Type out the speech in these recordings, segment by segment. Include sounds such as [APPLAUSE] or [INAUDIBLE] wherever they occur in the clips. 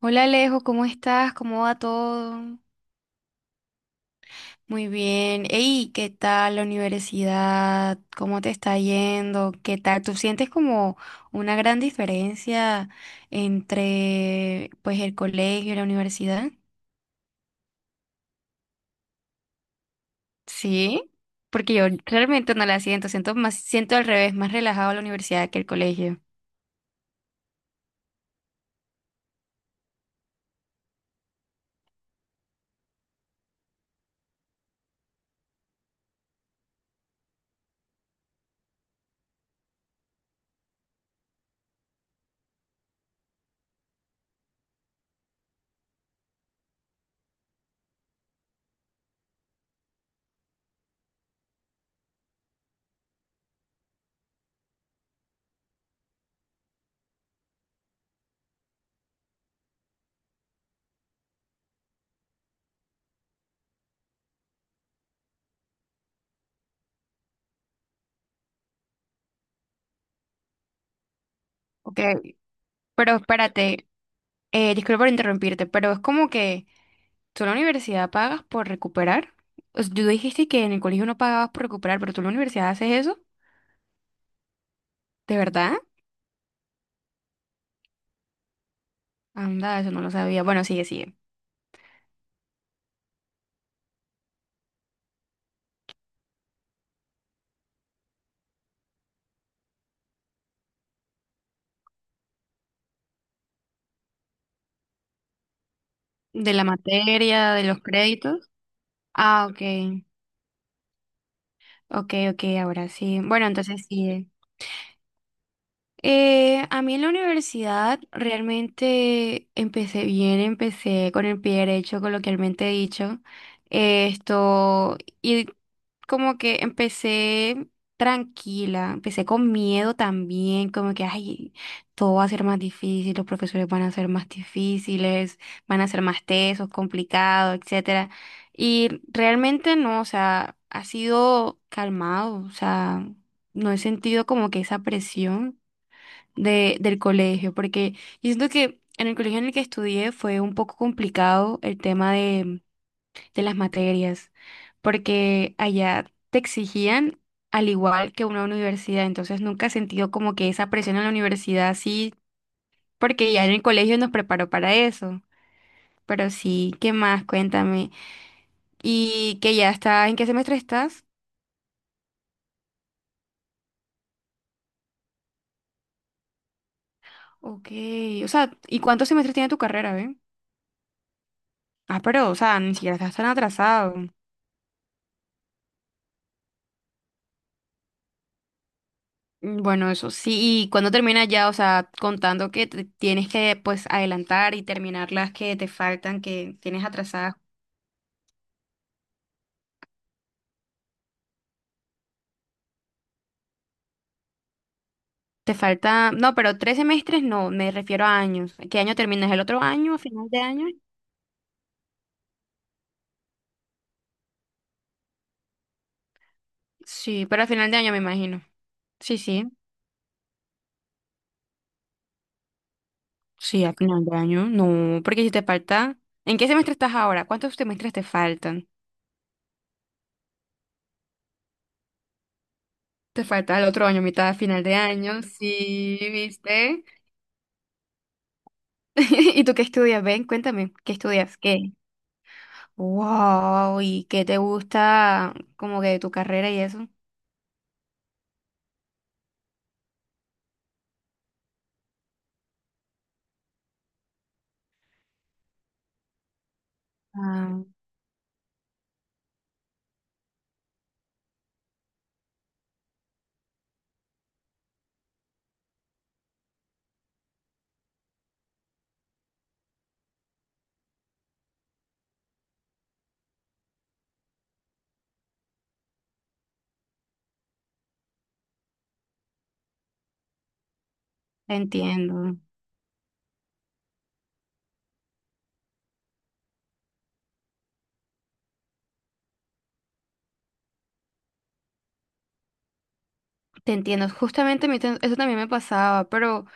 Hola Alejo, ¿cómo estás? ¿Cómo va todo? Muy bien. Ey, ¿qué tal la universidad? ¿Cómo te está yendo? ¿Qué tal? ¿Tú sientes como una gran diferencia entre pues el colegio y la universidad? Sí, porque yo realmente no la siento, siento más, siento al revés, más relajado la universidad que el colegio. Ok, pero espérate, disculpa por interrumpirte, pero es como que ¿tú en la universidad pagas por recuperar? O sea, tú dijiste que en el colegio no pagabas por recuperar, pero tú en la universidad haces eso. ¿De verdad? Anda, eso no lo sabía. Bueno, sigue. De la materia, de los créditos. Ah, ok. Ok, ok, ahora sí. Bueno, entonces sí. A mí en la universidad realmente empecé bien, empecé con el pie derecho, coloquialmente dicho. Esto, y Como que empecé tranquila, empecé con miedo también, como que, ay, todo va a ser más difícil, los profesores van a ser más difíciles, van a ser más tesos, complicados, etcétera. Y realmente no, o sea, ha sido calmado, o sea, no he sentido como que esa presión del colegio, porque yo siento que en el colegio en el que estudié fue un poco complicado el tema de las materias, porque allá te exigían al igual que una universidad, entonces nunca he sentido como que esa presión en la universidad, sí, porque ya en el colegio nos preparó para eso. Pero sí, ¿qué más? Cuéntame. ¿Y que ya está? ¿En qué semestre estás? Ok, o sea, ¿y cuántos semestres tiene tu carrera, ve? Ah, pero, o sea, ni siquiera estás tan atrasado. Mm, bueno, eso sí, y cuando termina ya, o sea, contando que te tienes que pues adelantar y terminar las que te faltan, que tienes atrasadas. Te falta, no, pero tres semestres no, me refiero a años. ¿Qué año terminas? ¿El otro año? ¿A final de año? Sí, pero a final de año me imagino. Sí, sí. Sí, a final de año. No, porque si te falta, ¿en qué semestre estás ahora? ¿Cuántos semestres te faltan? Te falta el otro año, mitad, final de año. Sí, ¿viste? [LAUGHS] ¿Y tú qué estudias? Ven, cuéntame, ¿qué estudias? ¿Qué? Wow, ¿y qué te gusta como que de tu carrera y eso? Ah, te entiendo, te entiendo. Justamente a mí eso también me pasaba, pero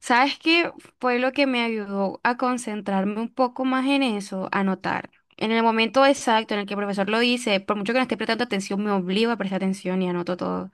¿sabes qué fue lo que me ayudó a concentrarme un poco más en eso? Anotar. En el momento exacto en el que el profesor lo dice, por mucho que no esté prestando atención, me obligo a prestar atención y anoto todo.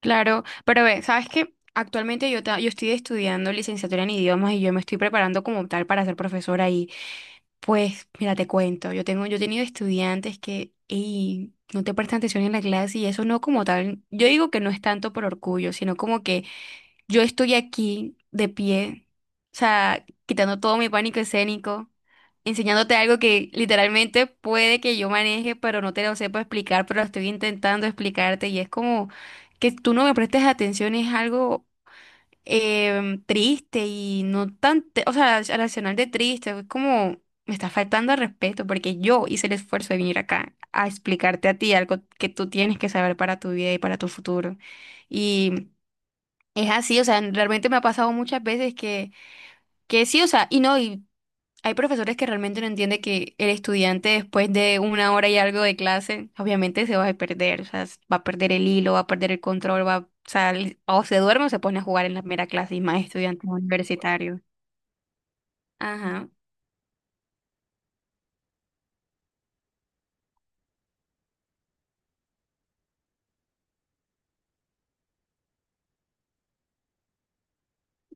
Claro, pero ve, ¿sabes qué? Actualmente yo estoy estudiando licenciatura en idiomas y yo me estoy preparando como tal para ser profesora y pues, mira, te cuento, yo tengo, yo he tenido estudiantes que ey, no te prestan atención en la clase y eso no como tal, yo digo que no es tanto por orgullo, sino como que yo estoy aquí de pie, o sea, quitando todo mi pánico escénico, enseñándote algo que literalmente puede que yo maneje, pero no te lo sepa explicar, pero estoy intentando explicarte y es como que tú no me prestes atención, es algo triste y no o sea, racional de triste, es como me está faltando al respeto porque yo hice el esfuerzo de venir acá a explicarte a ti algo que tú tienes que saber para tu vida y para tu futuro. Es así, o sea, realmente me ha pasado muchas veces que sí, o sea, y no, y hay profesores que realmente no entienden que el estudiante después de una hora y algo de clase, obviamente se va a perder, o sea, va a perder el hilo, va a perder el control, o sea, o se duerme o se pone a jugar en la mera clase y más estudiantes universitarios. Ajá.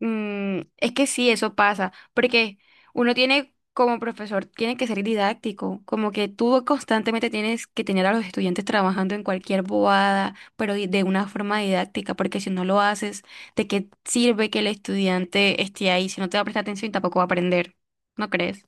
Mm, es que sí, eso pasa, porque uno tiene como profesor, tiene que ser didáctico, como que tú constantemente tienes que tener a los estudiantes trabajando en cualquier bobada, pero de una forma didáctica, porque si no lo haces, ¿de qué sirve que el estudiante esté ahí si no te va a prestar atención y tampoco va a aprender? ¿No crees?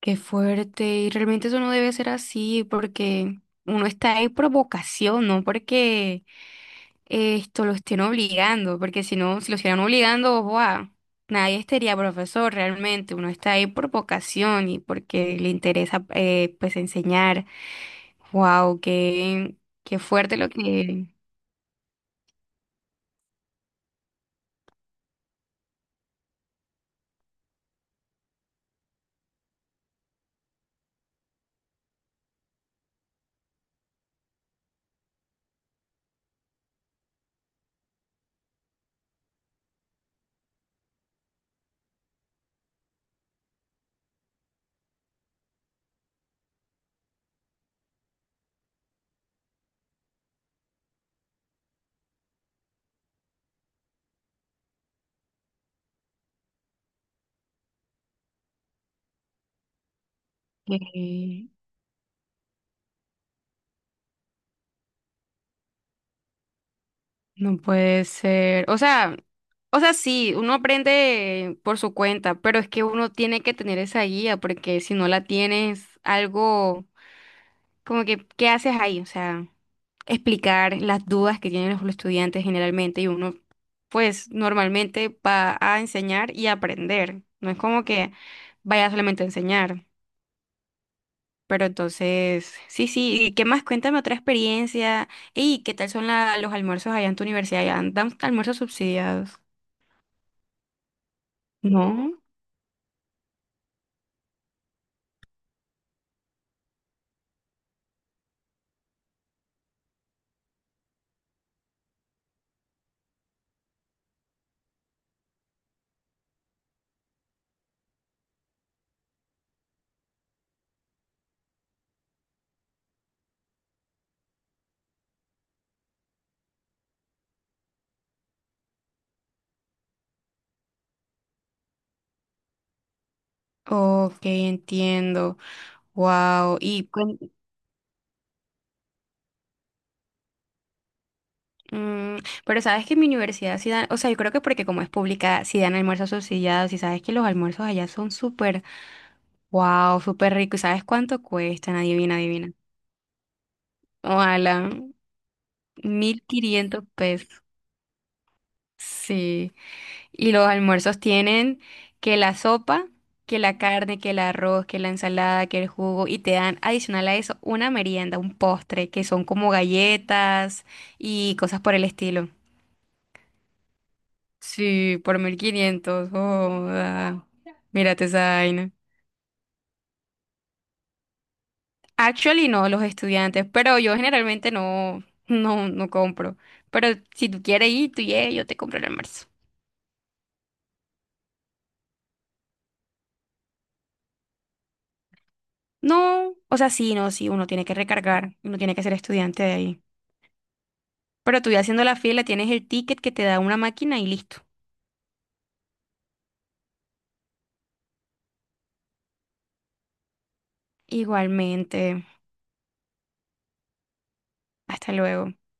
Qué fuerte, y realmente eso no debe ser así, porque uno está ahí por vocación, no porque esto lo estén obligando, porque si no, si lo estuvieran obligando, ¡guau! Nadie estaría profesor realmente, uno está ahí por vocación y porque le interesa pues enseñar. Wow, qué, qué fuerte lo que no puede ser. O sea, sí, uno aprende por su cuenta, pero es que uno tiene que tener esa guía, porque si no la tienes, algo como que, ¿qué haces ahí? O sea, explicar las dudas que tienen los estudiantes generalmente y uno pues normalmente va a enseñar y aprender. No es como que vaya solamente a enseñar. Pero entonces, sí, sí, ¿y qué más? Cuéntame otra experiencia. ¿Y qué tal son los almuerzos allá en tu universidad? ¿Ya dan almuerzos subsidiados? ¿No? Ok, entiendo. Wow. Y mm, pero sabes que en mi universidad sí dan, o sea, yo creo que porque como es pública, sí dan almuerzos subsidiados y sabes que los almuerzos allá son súper. Wow, súper rico. ¿Y sabes cuánto cuestan? Adivina, adivina. Ojalá, 1500 pesos. Sí. Y los almuerzos tienen que la sopa, que la carne, que el arroz, que la ensalada, que el jugo. Y te dan adicional a eso una merienda, un postre, que son como galletas y cosas por el estilo. Sí, por 1500. Joda. Mírate esa vaina. Actually no, los estudiantes, pero yo generalmente no, no compro. Pero si tú quieres ir, yo te compro el almuerzo. No, o sea, sí, no, sí, uno tiene que recargar, uno tiene que ser estudiante de ahí. Pero tú ya haciendo la fila, tienes el ticket que te da una máquina y listo. Igualmente, hasta luego.